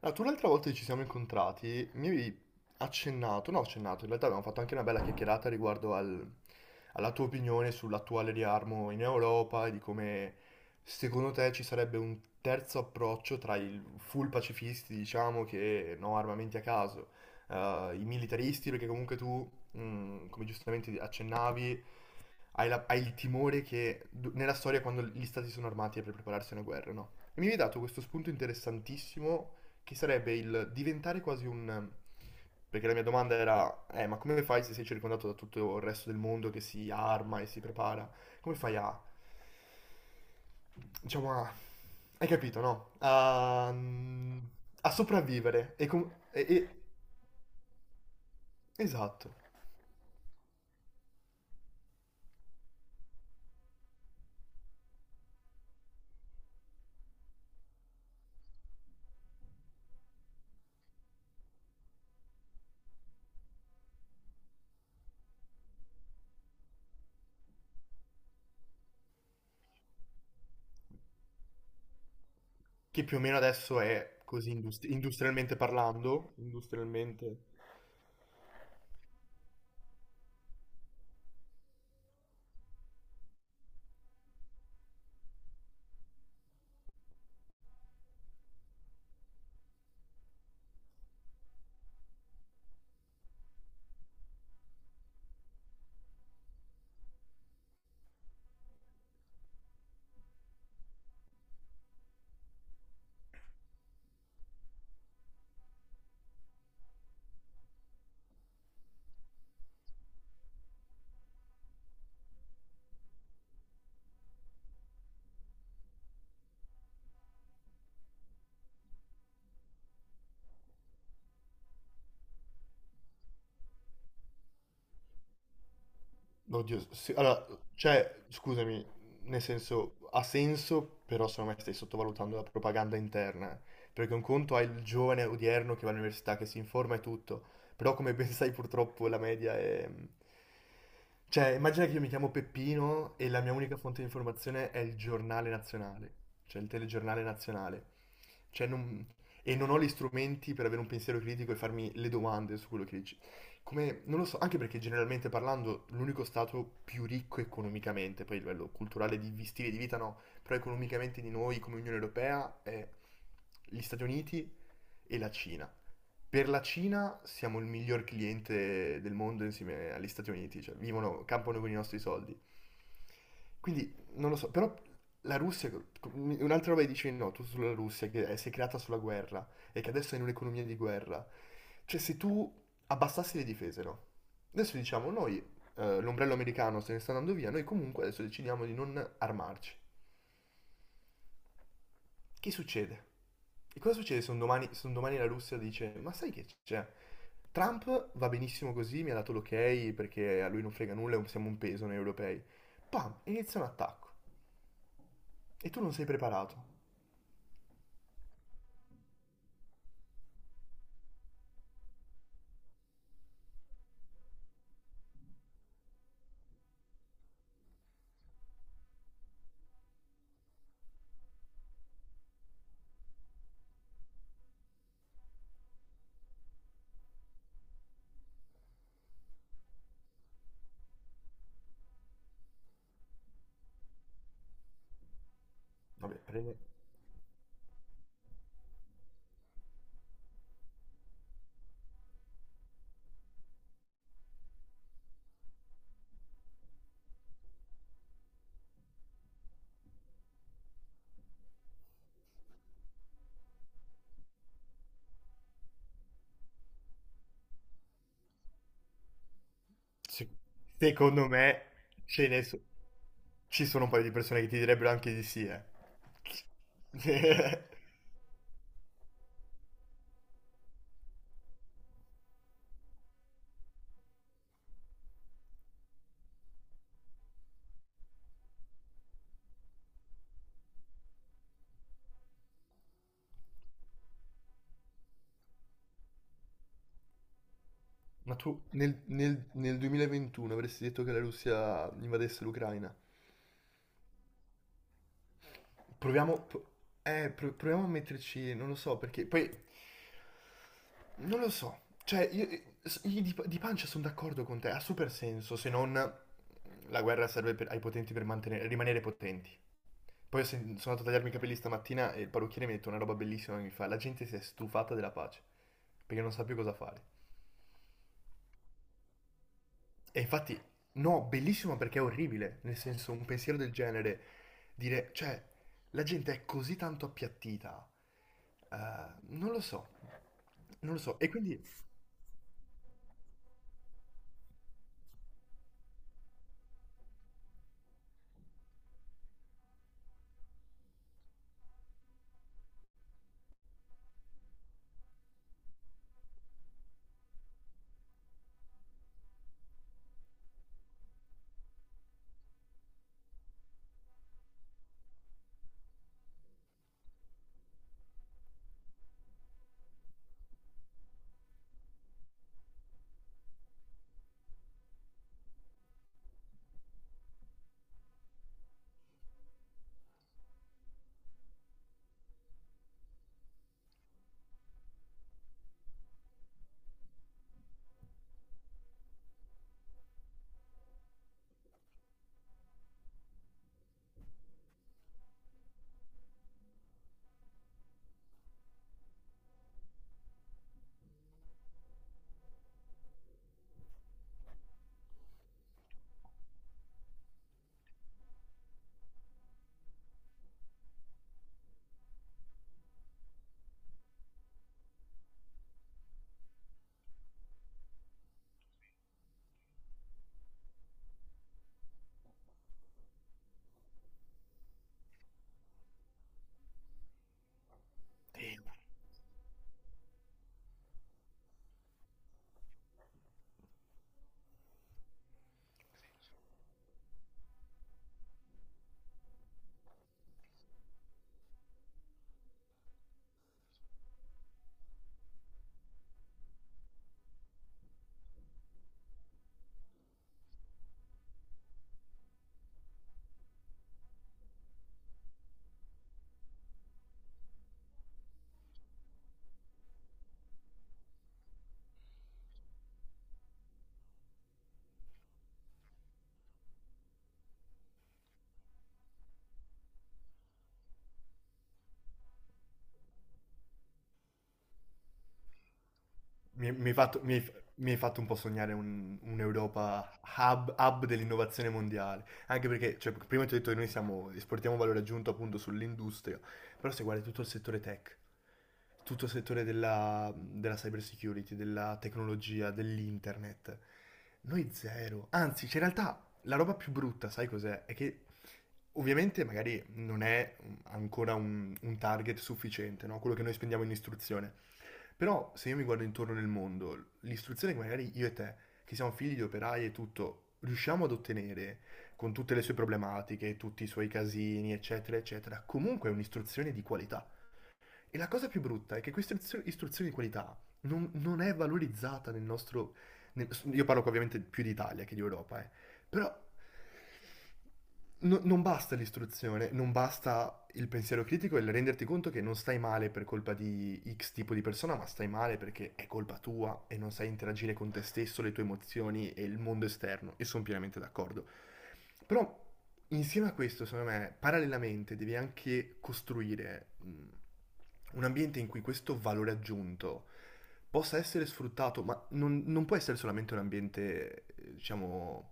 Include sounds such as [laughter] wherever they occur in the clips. Ah, tu l'altra volta che ci siamo incontrati mi avevi accennato, no accennato, in realtà abbiamo fatto anche una bella chiacchierata alla tua opinione sull'attuale riarmo in Europa e di come secondo te ci sarebbe un terzo approccio tra i full pacifisti, diciamo, che no armamenti a caso, i militaristi, perché comunque tu, come giustamente accennavi, hai il timore nella storia quando gli stati sono armati è per prepararsi a una guerra, no? E mi hai dato questo spunto interessantissimo che sarebbe il diventare quasi un... Perché la mia domanda era, ma come fai se sei circondato da tutto il resto del mondo che si arma e si prepara? Come fai a... diciamo a... Hai capito, no? A sopravvivere. Esatto. Che più o meno adesso è così industrialmente parlando, industrialmente... Oddio, sì, allora, cioè, scusami, nel senso, ha senso, però secondo me stai sottovalutando la propaganda interna, eh. Perché un conto è il giovane odierno che va all'università, che si informa e tutto, però come ben sai purtroppo la media è... Cioè, immagina che io mi chiamo Peppino e la mia unica fonte di informazione è il giornale nazionale, cioè il telegiornale nazionale. Cioè, non- E non ho gli strumenti per avere un pensiero critico e farmi le domande su quello che come, non lo so, anche perché generalmente parlando l'unico stato più ricco economicamente, poi a livello culturale di stili di vita no, però economicamente di noi come Unione Europea è gli Stati Uniti e la Cina. Per la Cina siamo il miglior cliente del mondo insieme agli Stati Uniti, cioè vivono, campano con i nostri soldi. Quindi non lo so, però la Russia, un'altra roba che dicevi no, tu sulla Russia, si è creata sulla guerra e che adesso è in un'economia di guerra. Cioè se tu abbassassi le difese, no? Adesso diciamo noi, l'ombrello americano se ne sta andando via, noi comunque adesso decidiamo di non armarci. Che succede? E cosa succede se un domani, se un domani la Russia dice, ma sai che c'è? Trump va benissimo così, mi ha dato l'ok perché a lui non frega nulla, siamo un peso noi europei. Pam, inizia un attacco. E tu non sei preparato. Vabbè, prende... Se- Secondo me ce ne so- ci sono un paio di persone che ti direbbero anche di sì, eh. [laughs] Ma tu nel 2021 avresti detto che la Russia invadesse l'Ucraina? Proviamo, pro- proviamo a metterci, non lo so perché, poi non lo so, cioè io di pancia sono d'accordo con te, ha super senso se non la guerra serve ai potenti per rimanere potenti. Poi sono andato a tagliarmi i capelli stamattina e il parrucchiere mi ha detto una roba bellissima che mi fa, la gente si è stufata della pace perché non sa più cosa fare. E infatti, no, bellissimo perché è orribile, nel senso, un pensiero del genere, dire, cioè, la gente è così tanto appiattita, eh, non lo so, non lo so, e quindi mi mi hai fatto un po' sognare un'Europa hub dell'innovazione mondiale, anche perché cioè, prima ti ho detto che noi siamo, esportiamo valore aggiunto appunto sull'industria, però se guardi tutto il settore tech, tutto il settore della cyber security, della tecnologia, dell'internet, noi zero, anzi, cioè, in realtà la roba più brutta, sai cos'è? È che ovviamente magari non è ancora un target sufficiente, no? Quello che noi spendiamo in istruzione. Però se io mi guardo intorno nel mondo, l'istruzione che magari io e te, che siamo figli di operai e tutto, riusciamo ad ottenere con tutte le sue problematiche, tutti i suoi casini, eccetera, eccetera, comunque è un'istruzione di qualità. E la cosa più brutta è che questa istruzione di qualità non, non è valorizzata nel nostro... io parlo qua ovviamente più di Italia che di Europa, eh. Però non basta l'istruzione, non basta il pensiero critico e il renderti conto che non stai male per colpa di X tipo di persona, ma stai male perché è colpa tua e non sai interagire con te stesso, le tue emozioni e il mondo esterno. E sono pienamente d'accordo. Però insieme a questo, secondo me, parallelamente devi anche costruire un ambiente in cui questo valore aggiunto possa essere sfruttato, ma non, non può essere solamente un ambiente, diciamo,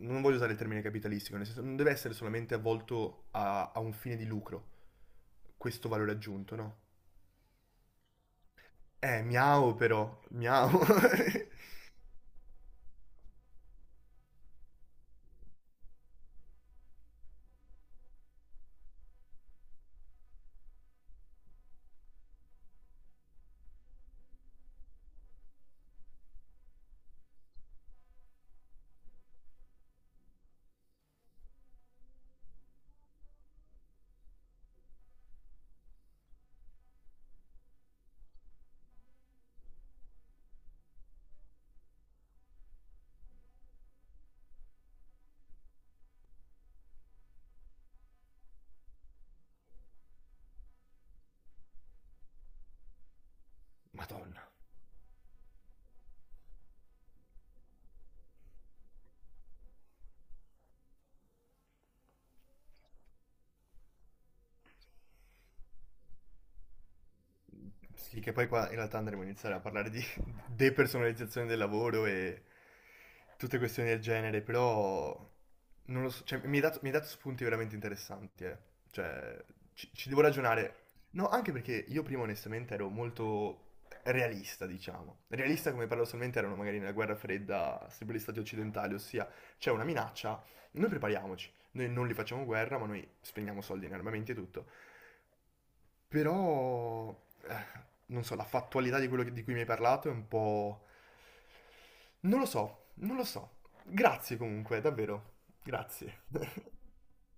non voglio usare il termine capitalistico, nel senso non deve essere solamente avvolto a un fine di lucro, questo valore aggiunto, no? Miau però, miau. [laughs] Madonna. Sì, che poi qua in realtà andremo a iniziare a parlare di [laughs] depersonalizzazione del lavoro e tutte questioni del genere, però non lo so, cioè, mi hai dato spunti veramente interessanti, eh. Cioè, ci devo ragionare. No, anche perché io prima onestamente ero molto realista, diciamo. Realista come paradossalmente erano magari nella guerra fredda, sempre gli stati occidentali, ossia c'è una minaccia, noi prepariamoci, noi non li facciamo guerra, ma noi spendiamo soldi in armamenti e tutto. Però, eh, non so, la fattualità di quello di cui mi hai parlato è un po'... Non lo so, non lo so. Grazie comunque, davvero. Grazie. [laughs]